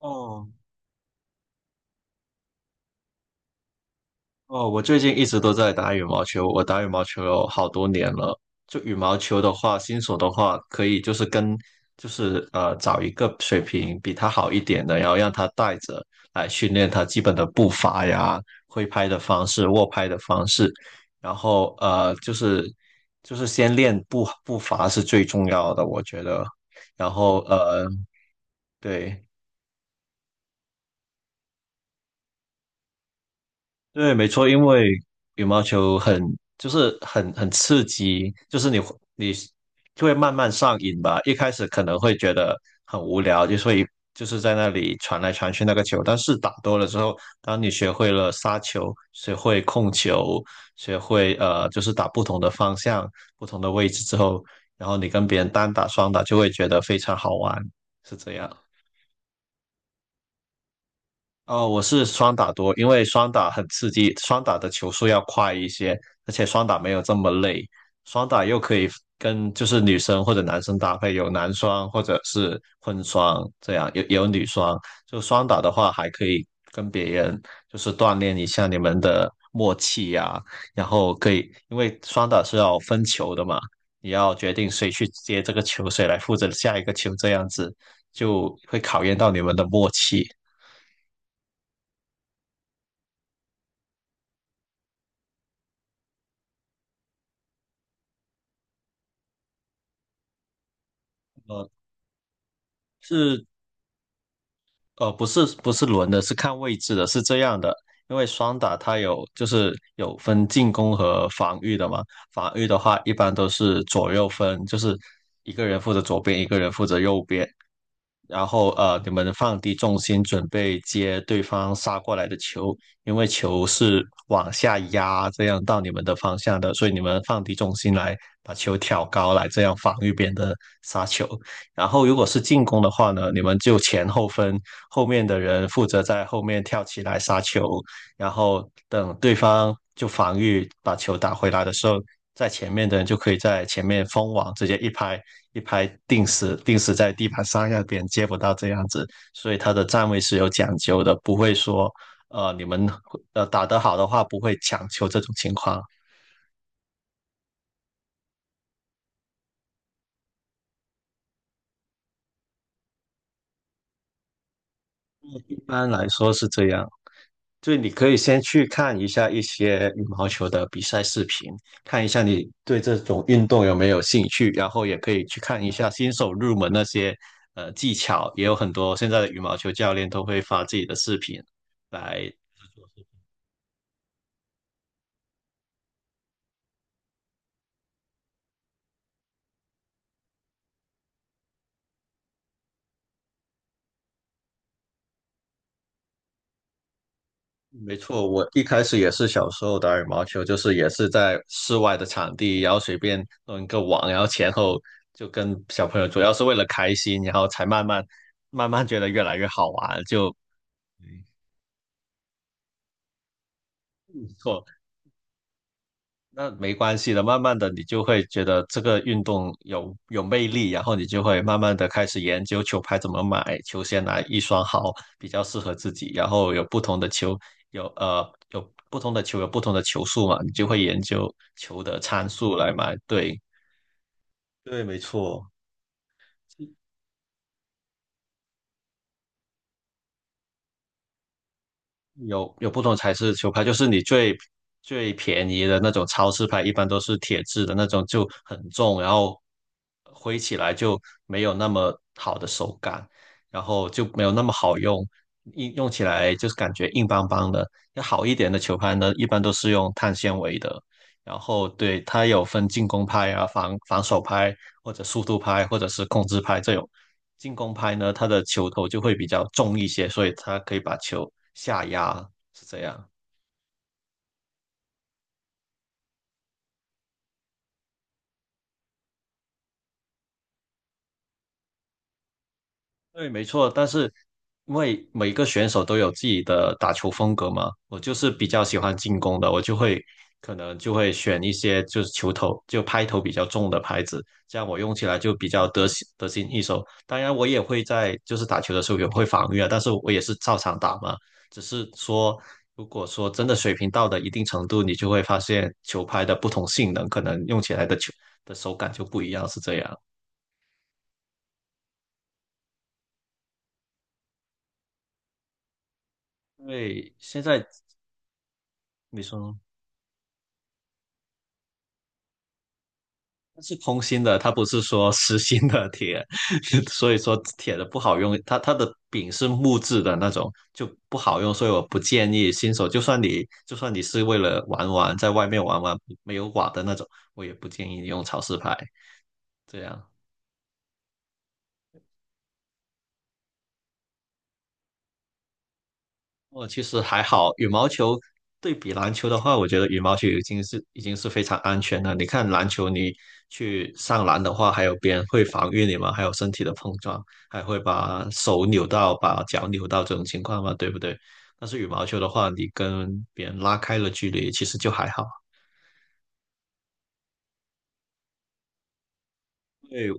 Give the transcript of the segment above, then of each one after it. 哦哦，我最近一直都在打羽毛球，我打羽毛球有好多年了。就羽毛球的话，新手的话，可以就是找一个水平比他好一点的，然后让他带着来训练他基本的步伐呀、挥拍的方式、握拍的方式，然后就是先练步伐是最重要的，我觉得。然后呃对。对，没错，因为羽毛球很刺激，就是你就会慢慢上瘾吧。一开始可能会觉得很无聊，就所以就是在那里传来传去那个球。但是打多了之后，当你学会了杀球，学会控球，学会就是打不同的方向、不同的位置之后，然后你跟别人单打、双打就会觉得非常好玩，是这样。哦，我是双打多，因为双打很刺激，双打的球速要快一些，而且双打没有这么累，双打又可以跟就是女生或者男生搭配，有男双或者是混双这样，有女双，就双打的话还可以跟别人就是锻炼一下你们的默契呀、然后可以因为双打是要分球的嘛，你要决定谁去接这个球，谁来负责下一个球，这样子就会考验到你们的默契。是不是轮的，是看位置的，是这样的。因为双打它有就是有分进攻和防御的嘛，防御的话一般都是左右分，就是一个人负责左边，一个人负责右边，然后你们放低重心准备接对方杀过来的球，因为球是往下压这样到你们的方向的，所以你们放低重心来把球挑高来这样防御别人的杀球。然后如果是进攻的话呢，你们就前后分，后面的人负责在后面跳起来杀球，然后等对方就防御把球打回来的时候，在前面的人就可以在前面封网，直接一拍定死，定死在地板上，让别人接不到这样子。所以他的站位是有讲究的，不会说。你们打得好的话，不会抢球这种情况，一般来说是这样。就你可以先去看一下一些羽毛球的比赛视频，看一下你对这种运动有没有兴趣，然后也可以去看一下新手入门那些技巧，也有很多现在的羽毛球教练都会发自己的视频来。没错，我一开始也是小时候打羽毛球，就是也是在室外的场地，然后随便弄一个网，然后前后就跟小朋友，主要是为了开心，然后才慢慢觉得越来越好玩，就错。那没关系的，慢慢的你就会觉得这个运动有魅力，然后你就会慢慢的开始研究球拍怎么买，球鞋哪一双好比较适合自己，然后有不同的球，有呃有不同的球速嘛，你就会研究球的参数来买。对，对，没错。有不同材质的球拍，就是你最便宜的那种超市拍，一般都是铁质的那种，就很重，然后挥起来就没有那么好的手感，然后就没有那么好用，硬用起来就是感觉硬邦邦的。要好一点的球拍呢，一般都是用碳纤维的，然后对，它有分进攻拍啊、防守拍，或者速度拍，或者是控制拍这种。进攻拍呢，它的球头就会比较重一些，所以它可以把球下压，是这样。对，没错，但是因为每个选手都有自己的打球风格嘛，我就是比较喜欢进攻的，我就会可能就会选一些就是球头就拍头比较重的拍子，这样我用起来就比较得心应手。当然，我也会在就是打球的时候也会防御啊，但是我也是照常打嘛，只是说如果说真的水平到了一定程度，你就会发现球拍的不同性能，可能用起来的球的手感就不一样，是这样。因为现在你说。它是空心的，它不是说实心的铁，所以说铁的不好用，它它的柄是木质的那种，就不好用，所以我不建议新手，就算你是为了玩玩，在外面玩玩没有瓦的那种，我也不建议你用潮湿牌这样。哦，其实还好，羽毛球对比篮球的话，我觉得羽毛球已经是非常安全了。你看篮球，你去上篮的话，还有别人会防御你嘛，还有身体的碰撞，还会把手扭到、把脚扭到这种情况嘛，对不对？但是羽毛球的话，你跟别人拉开了距离，其实就还好。对，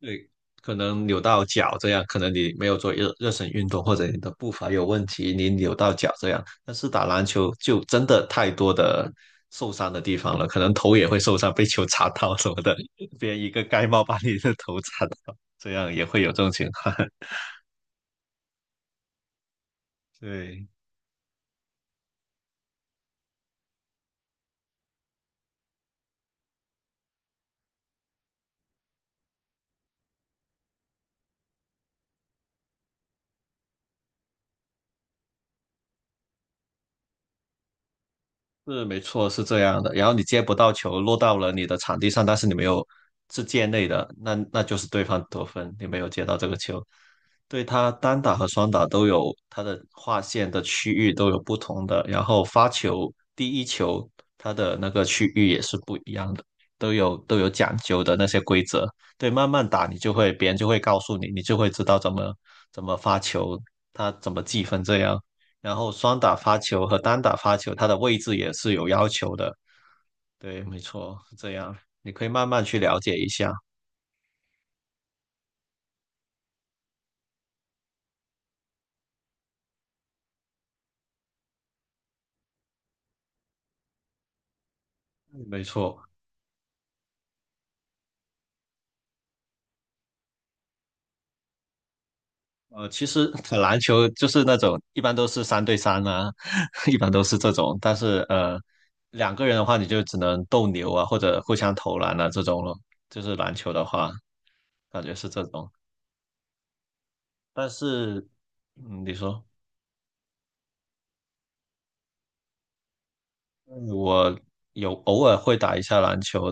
对，可能扭到脚这样，可能你没有做热身运动，或者你的步伐有问题，你扭到脚这样。但是打篮球就真的太多的受伤的地方了，可能头也会受伤，被球砸到什么的，别人一个盖帽把你的头砸到，这样也会有这种情况。对。是没错，是这样的。然后你接不到球，落到了你的场地上，但是你没有是界内的，那那就是对方得分，你没有接到这个球。对他单打和双打都有他的划线的区域都有不同的，然后发球第一球他的那个区域也是不一样的，都有都有讲究的那些规则。对，慢慢打你就会，别人就会告诉你，你就会知道怎么发球，他怎么计分这样。然后双打发球和单打发球，它的位置也是有要求的。对，没错，是这样，你可以慢慢去了解一下。嗯没错，其实篮球就是那种一般都是三对三啊，一般都是这种，但是呃，两个人的话你就只能斗牛啊，或者互相投篮啊这种咯。就是篮球的话，感觉是这种，但是，嗯，你说。我有偶尔会打一下篮球，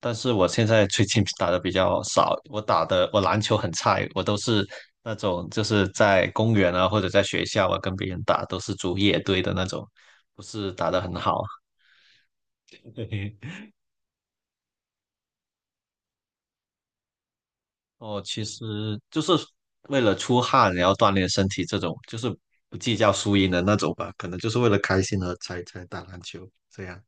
但是我现在最近打的比较少。我打的我篮球很菜，我都是那种就是在公园啊或者在学校啊跟别人打，都是组野队的那种，不是打得很好。嘿嘿，哦，其实就是为了出汗，然后锻炼身体这种，就是不计较输赢的那种吧，可能就是为了开心才打篮球这样。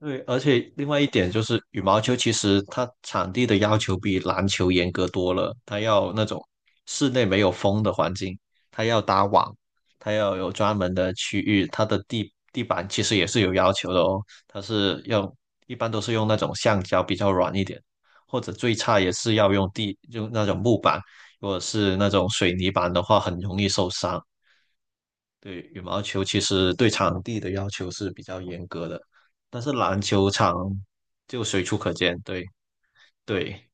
对，而且另外一点就是，羽毛球其实它场地的要求比篮球严格多了，它要那种室内没有风的环境，它要搭网，它要有专门的区域，它的地板其实也是有要求的哦，它是要一般都是用那种橡胶比较软一点，或者最差也是要用地，用那种木板，如果是那种水泥板的话，很容易受伤。对，羽毛球其实对场地的要求是比较严格的，但是篮球场就随处可见。对对，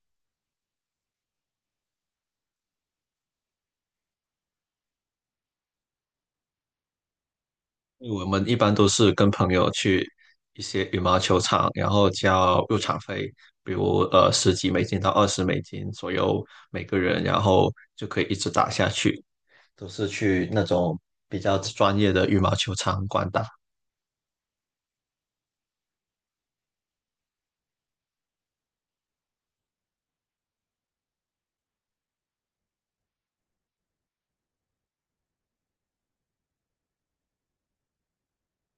因为我们一般都是跟朋友去一些羽毛球场，然后交入场费，比如10几美金到20美金左右每个人，然后就可以一直打下去。都是去那种比较专业的羽毛球场馆打，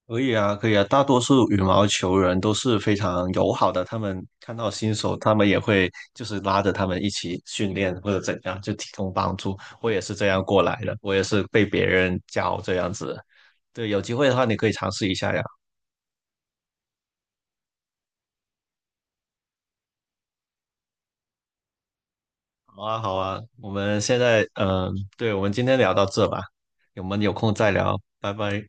可以啊，可以啊，大多数羽毛球人都是非常友好的，他们看到新手，他们也会就是拉着他们一起训练或者怎样，就提供帮助。我也是这样过来的，我也是被别人教这样子。对，有机会的话你可以尝试一下呀。好啊，好啊，我们现在对，我们今天聊到这吧，我们有空再聊，拜拜。